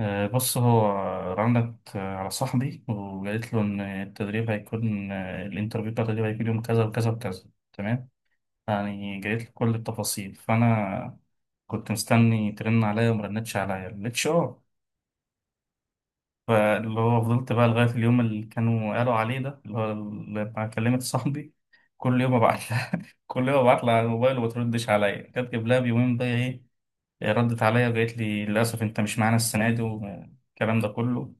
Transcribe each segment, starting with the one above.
بص هو رنت، على صاحبي وقالت له إن التدريب هيكون، الانترفيو بتاع التدريب هيكون يوم كذا وكذا وكذا. تمام، يعني جايت له كل التفاصيل، فأنا كنت مستني ترن عليا وما رنتش عليا الاتش ار. فاللي هو فضلت بقى لغاية اليوم اللي كانوا قالوا عليه ده، اللي هو لما كلمت صاحبي كل يوم ابعت لها كل يوم ابعت لها على الموبايل وما تردش عليا. كانت قبلها بيومين بقى ايه، ردت عليا وقالت لي للاسف انت مش معانا السنة دي والكلام ده كله.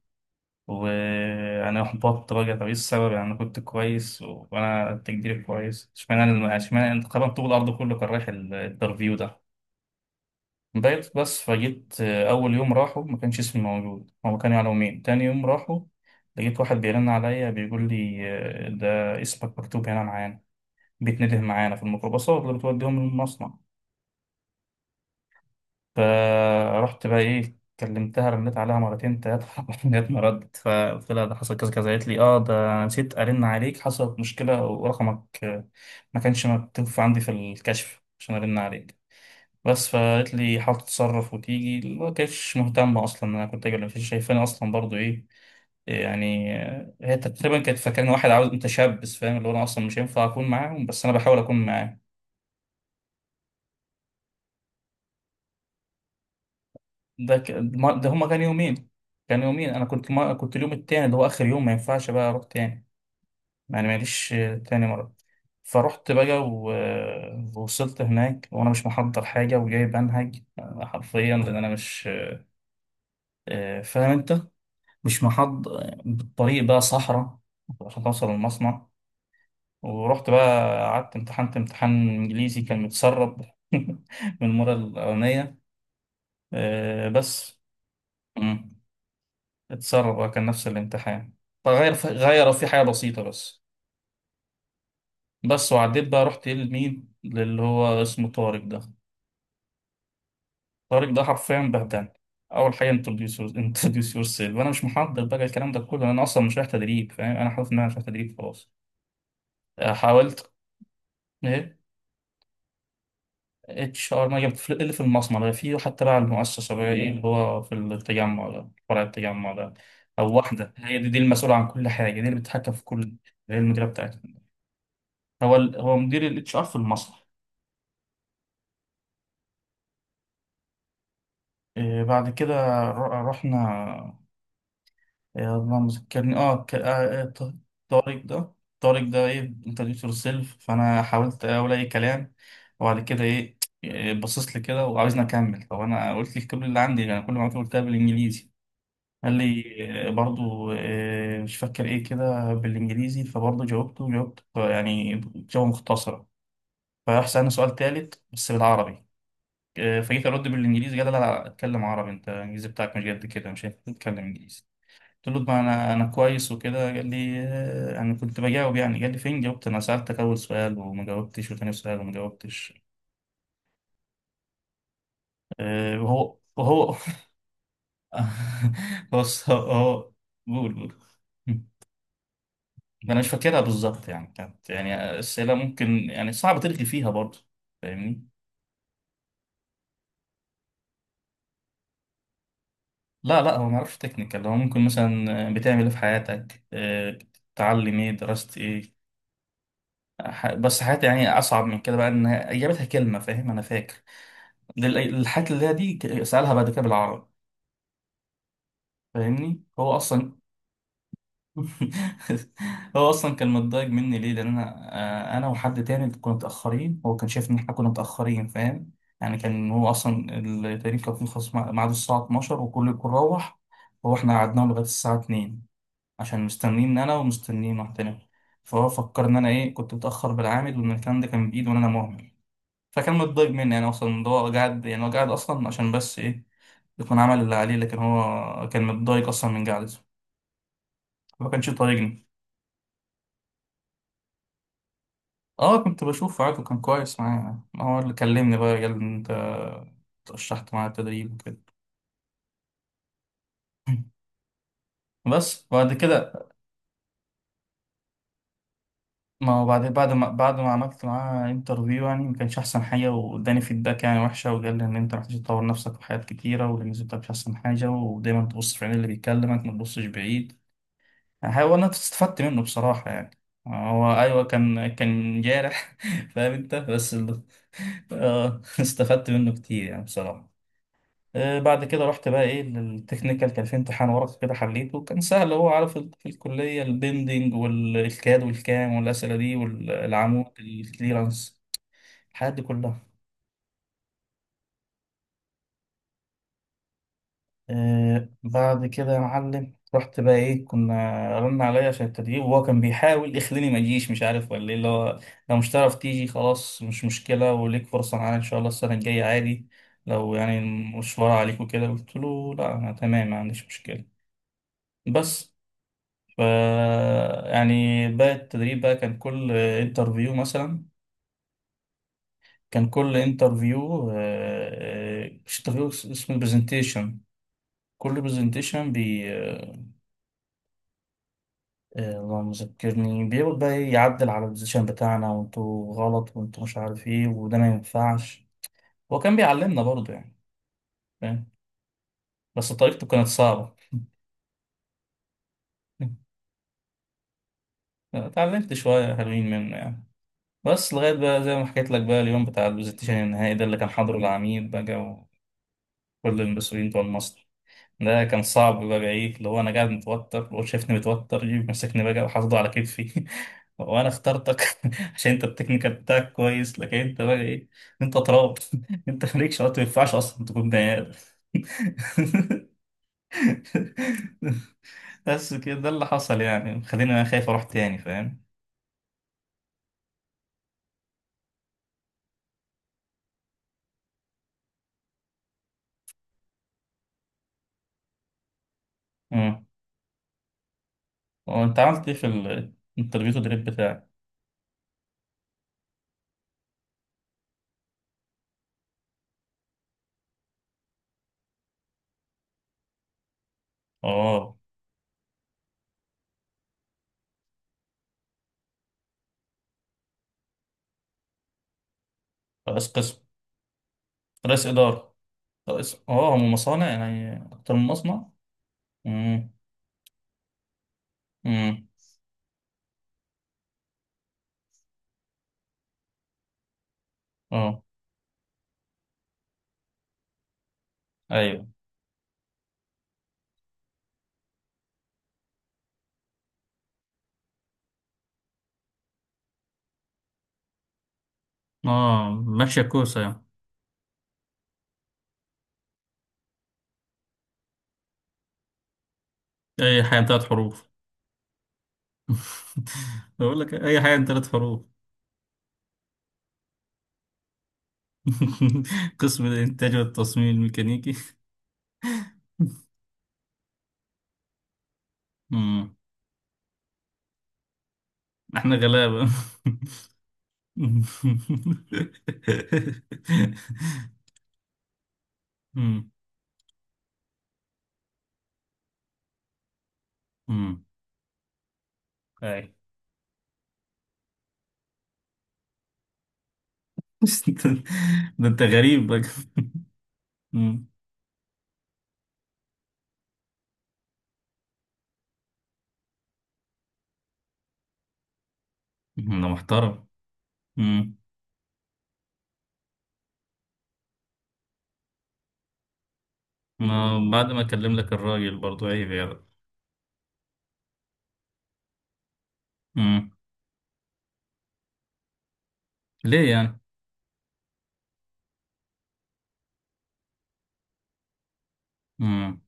وانا احبطت بقى، طب ايه السبب؟ يعني انا كنت كويس، وانا تقديري كويس، اشمعنى انت، طبعا طول الارض كله كان رايح الانترفيو ده. بقيت بس فجيت، اول يوم راحوا ما كانش اسمي موجود، هما كانوا يعلموني تاني يوم. راحوا لقيت واحد بيرن عليا بيقول لي، ده اسمك مكتوب هنا معانا، بيتنده معانا في الميكروباصات اللي بتوديهم للمصنع. فرحت بقى ايه، كلمتها رنيت عليها مرتين تلاتة لغاية ما ردت. فقلت لها ده حصل كذا كذا، قالت لي اه ده أنا نسيت ارن عليك، حصلت مشكلة ورقمك، ما كانش مكتوب عندي في الكشف عشان ارن عليك بس. فقالت لي حاول تتصرف وتيجي، ما كانتش مهتمة اصلا إن انا كنت اجي ولا مش شايفاني اصلا برضو ايه. يعني، هي تقريبا كانت فاكراني واحد عاوز متشبث، فاهم، اللي هو انا اصلا مش هينفع اكون معاهم، بس انا بحاول اكون معاهم. ده ك... ما- ده هما كان يومين، كان يومين. انا كنت ما... كنت اليوم التاني اللي هو اخر يوم، ما ينفعش بقى اروح تاني. يعني معلش، تاني مرة فرحت بقى ووصلت هناك وانا مش محضر حاجة، وجاي بنهج، حرفيا لان انا مش، فاهم انت، مش محضر. الطريق بقى صحراء عشان توصل المصنع. ورحت بقى قعدت، امتحنت امتحان انجليزي كان متسرب من المرة الأولانية، بس. مم. اتسرب اه، كان نفس الامتحان، فغير في غيروا فيه حاجة بسيطة بس. بس وعديت بقى، رحت لمين؟ للي هو اسمه طارق ده. طارق ده حرفيا بهدلني. أول حاجة، introduce yourself، وأنا مش محضر بقى الكلام ده كله، أنا أصلا مش رايح تدريب، فاهم؟ أنا حاطط إن أنا مش رايح تدريب خلاص. حاولت إيه. اتش ار ما جبت، اللي في المصنع ده، في حتى بقى المؤسسة بقى إيه اللي هو في التجمع ده، فرع التجمع ده. أو واحدة هي دي, دي المسؤولة عن كل حاجة دي اللي بتتحكم في كل. هي المديرة بتاعتنا. هو مدير الاتش ار في المصنع. إيه، بعد كده، رحنا. يا الله ما ذكرني، طارق ده، طارق ده ايه. انترنت يور سيلف فانا حاولت اقول اي كلام وبعد كده ايه. إيه، باصص لي كده وعاوزني اكمل. طب انا قلت لك كل اللي عندي، انا كل ما قلتها بالانجليزي قال لي، برضو، مش فاكر ايه كده بالانجليزي، فبرضو جاوبته، جاوبت يعني جواب مختصرة. فراح سألني سؤال تالت بس بالعربي. فجيت ارد بالانجليزي، قال لا لا اتكلم عربي، انت الانجليزي بتاعك مش قد كده مش هتتكلم انجليزي. قلت له ما انا كويس وكده، قال لي، انا كنت بجاوب، يعني قال لي فين جاوبت؟ انا سالتك اول سؤال وما جاوبتش، وتاني سؤال وما جاوبتش. وهو بص قول قول. انا مش فاكرها بالظبط، يعني كانت يعني اسئله ممكن يعني صعب تلغي فيها برضه، فاهمني؟ لا لا، هو ما اعرفش تكنيكال، هو ممكن مثلا بتعمل ايه في حياتك، بتتعلم ايه، درست ايه. بس حياتي يعني اصعب من كده بقى، ان جابتها كلمه، فاهم، انا فاكر الحاجات اللي هي دي، سالها بعد كده بالعربي، فاهمني؟ هو اصلا هو اصلا كان متضايق مني ليه؟ لان انا، انا وحد تاني كنا متاخرين. هو كان شايف ان احنا كنا متاخرين، فاهم؟ يعني كان، هو اصلا التدريب كان بيخلص ميعاده الساعه 12، وكل الكل روح. هو احنا قعدناه لغايه الساعه 2 عشان مستنين انا ومستنين واحد تاني. فهو فكر ان انا ايه، كنت متاخر بالعامل، وان الكلام ده كان بايده، وان انا مهمل. فكان متضايق مني يعني اصلا إن هو قاعد، يعني هو قاعد اصلا عشان بس ايه يكون عمل اللي عليه، لكن هو كان متضايق اصلا من قعدته. ما كانش يطايقني. اه، كنت بشوف عادي، كان كويس معايا، هو اللي كلمني بقى قال لي انت ترشحت معاه التدريب وكده. بس بعد كده، ما هو بعد ما عملت معاه انترفيو يعني، ما كانش احسن حاجه، واداني فيدباك يعني وحشه، وقال لي ان انت محتاج تطور نفسك في حاجات كتيره، والانجليزي بتاعك مش احسن حاجه، ودايما تبص في عين اللي بيكلمك ما تبصش بعيد. هو انا استفدت منه بصراحة يعني، هو ايوه كان جارح فاهم انت، بس استفدت منه كتير يعني بصراحة. بعد كده رحت بقى ايه للتكنيكال، كان في امتحان ورقي كده حليته كان سهل، هو عارف في الكلية البندنج والكاد والكام والأسئلة دي، والعمود الكليرانس، الحاجات دي كلها. آه بعد كده يا معلم رحت بقى ايه، كنا رن عليا عشان التدريب، وهو كان بيحاول يخليني ما اجيش، مش عارف ولا ايه اللي هو، لو مش تعرف تيجي خلاص مش مشكله، وليك فرصه معانا ان شاء الله السنه الجايه عادي لو يعني المشوار عليك وكده. قلت له لا انا تمام، ما عنديش مشكله بس. ف يعني بقى التدريب بقى كان كل انترفيو مثلا، كان كل انترفيو مش انترفيو، اسمه برزنتيشن. كل برزنتيشن، اللهم ذكرني، بيقعد بقى إيه يعدل على البوزيشن بتاعنا، وانتوا غلط، وانتوا مش عارف ايه، وده ما ينفعش. هو كان بيعلمنا برضه يعني، فاهم؟ بس طريقته كانت صعبة. اتعلمت شوية حلوين منه يعني، بس لغاية بقى زي ما حكيت لك بقى اليوم بتاع البوزيشن النهائي ده اللي كان حاضره العميد بقى، وكل المسؤولين بتوع المصنع، ده كان صعب بقى ايه اللي هو انا قاعد متوتر وهو شايفني متوتر، يجي ماسكني بقى وحاطه على كتفي وانا اخترتك عشان انت التكنيكال بتاعك كويس، لكن انت بقى ايه، انت تراب انت مالكش وقت، ما ينفعش اصلا تكون بني آدم. بس كده ده اللي حصل يعني، خليني انا خايف اروح تاني، فاهم. امم هو انت عملت ايه في الانترفيو تدريب بتاعك؟ اه، رئيس قسم، رئيس اداره، رئيس اه هم مصانع يعني اكتر من مصنع. امم اه. ايوه. اه ماشية كوسة يعني، اي حاجة من تلات حروف. بقول لك اي حاجة من تلات حروف. قسم الانتاج والتصميم الميكانيكي. مم. احنا غلابة. مم. مم. اي. ده انت غريب بقى. مم. انا محترم. مم. ما بعد ما اكلم لك الراجل برضو عيب يعني. مم. ليه يعني؟ مم.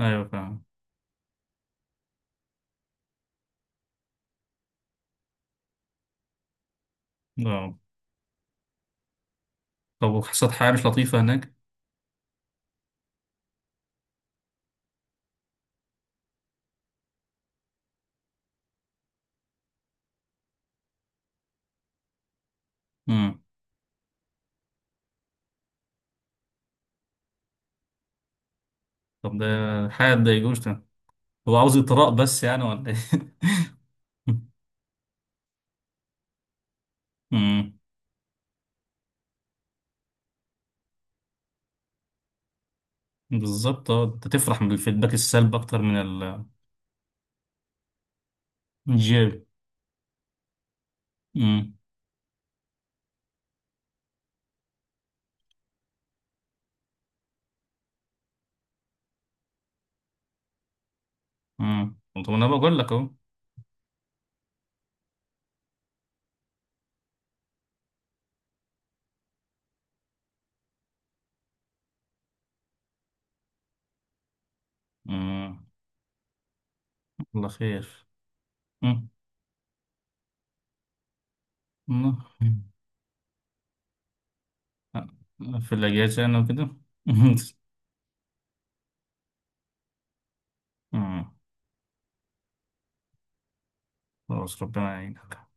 ايوه فاهم. آه. طب وحصلت حاجة مش لطيفة هناك؟ مم. طب ده حاجة تضايقوش ده، هو عاوز إطراء بس يعني ولا إيه؟ مم. بالظبط اه، أنت تفرح من الفيدباك السلبي أكتر من الإيجابي. مم. مم. طب أنا بقول لك أهو. مم. الله خير. مم. مم. في الأجازة أنا وكده. مم. خلاص ربنا يعينك.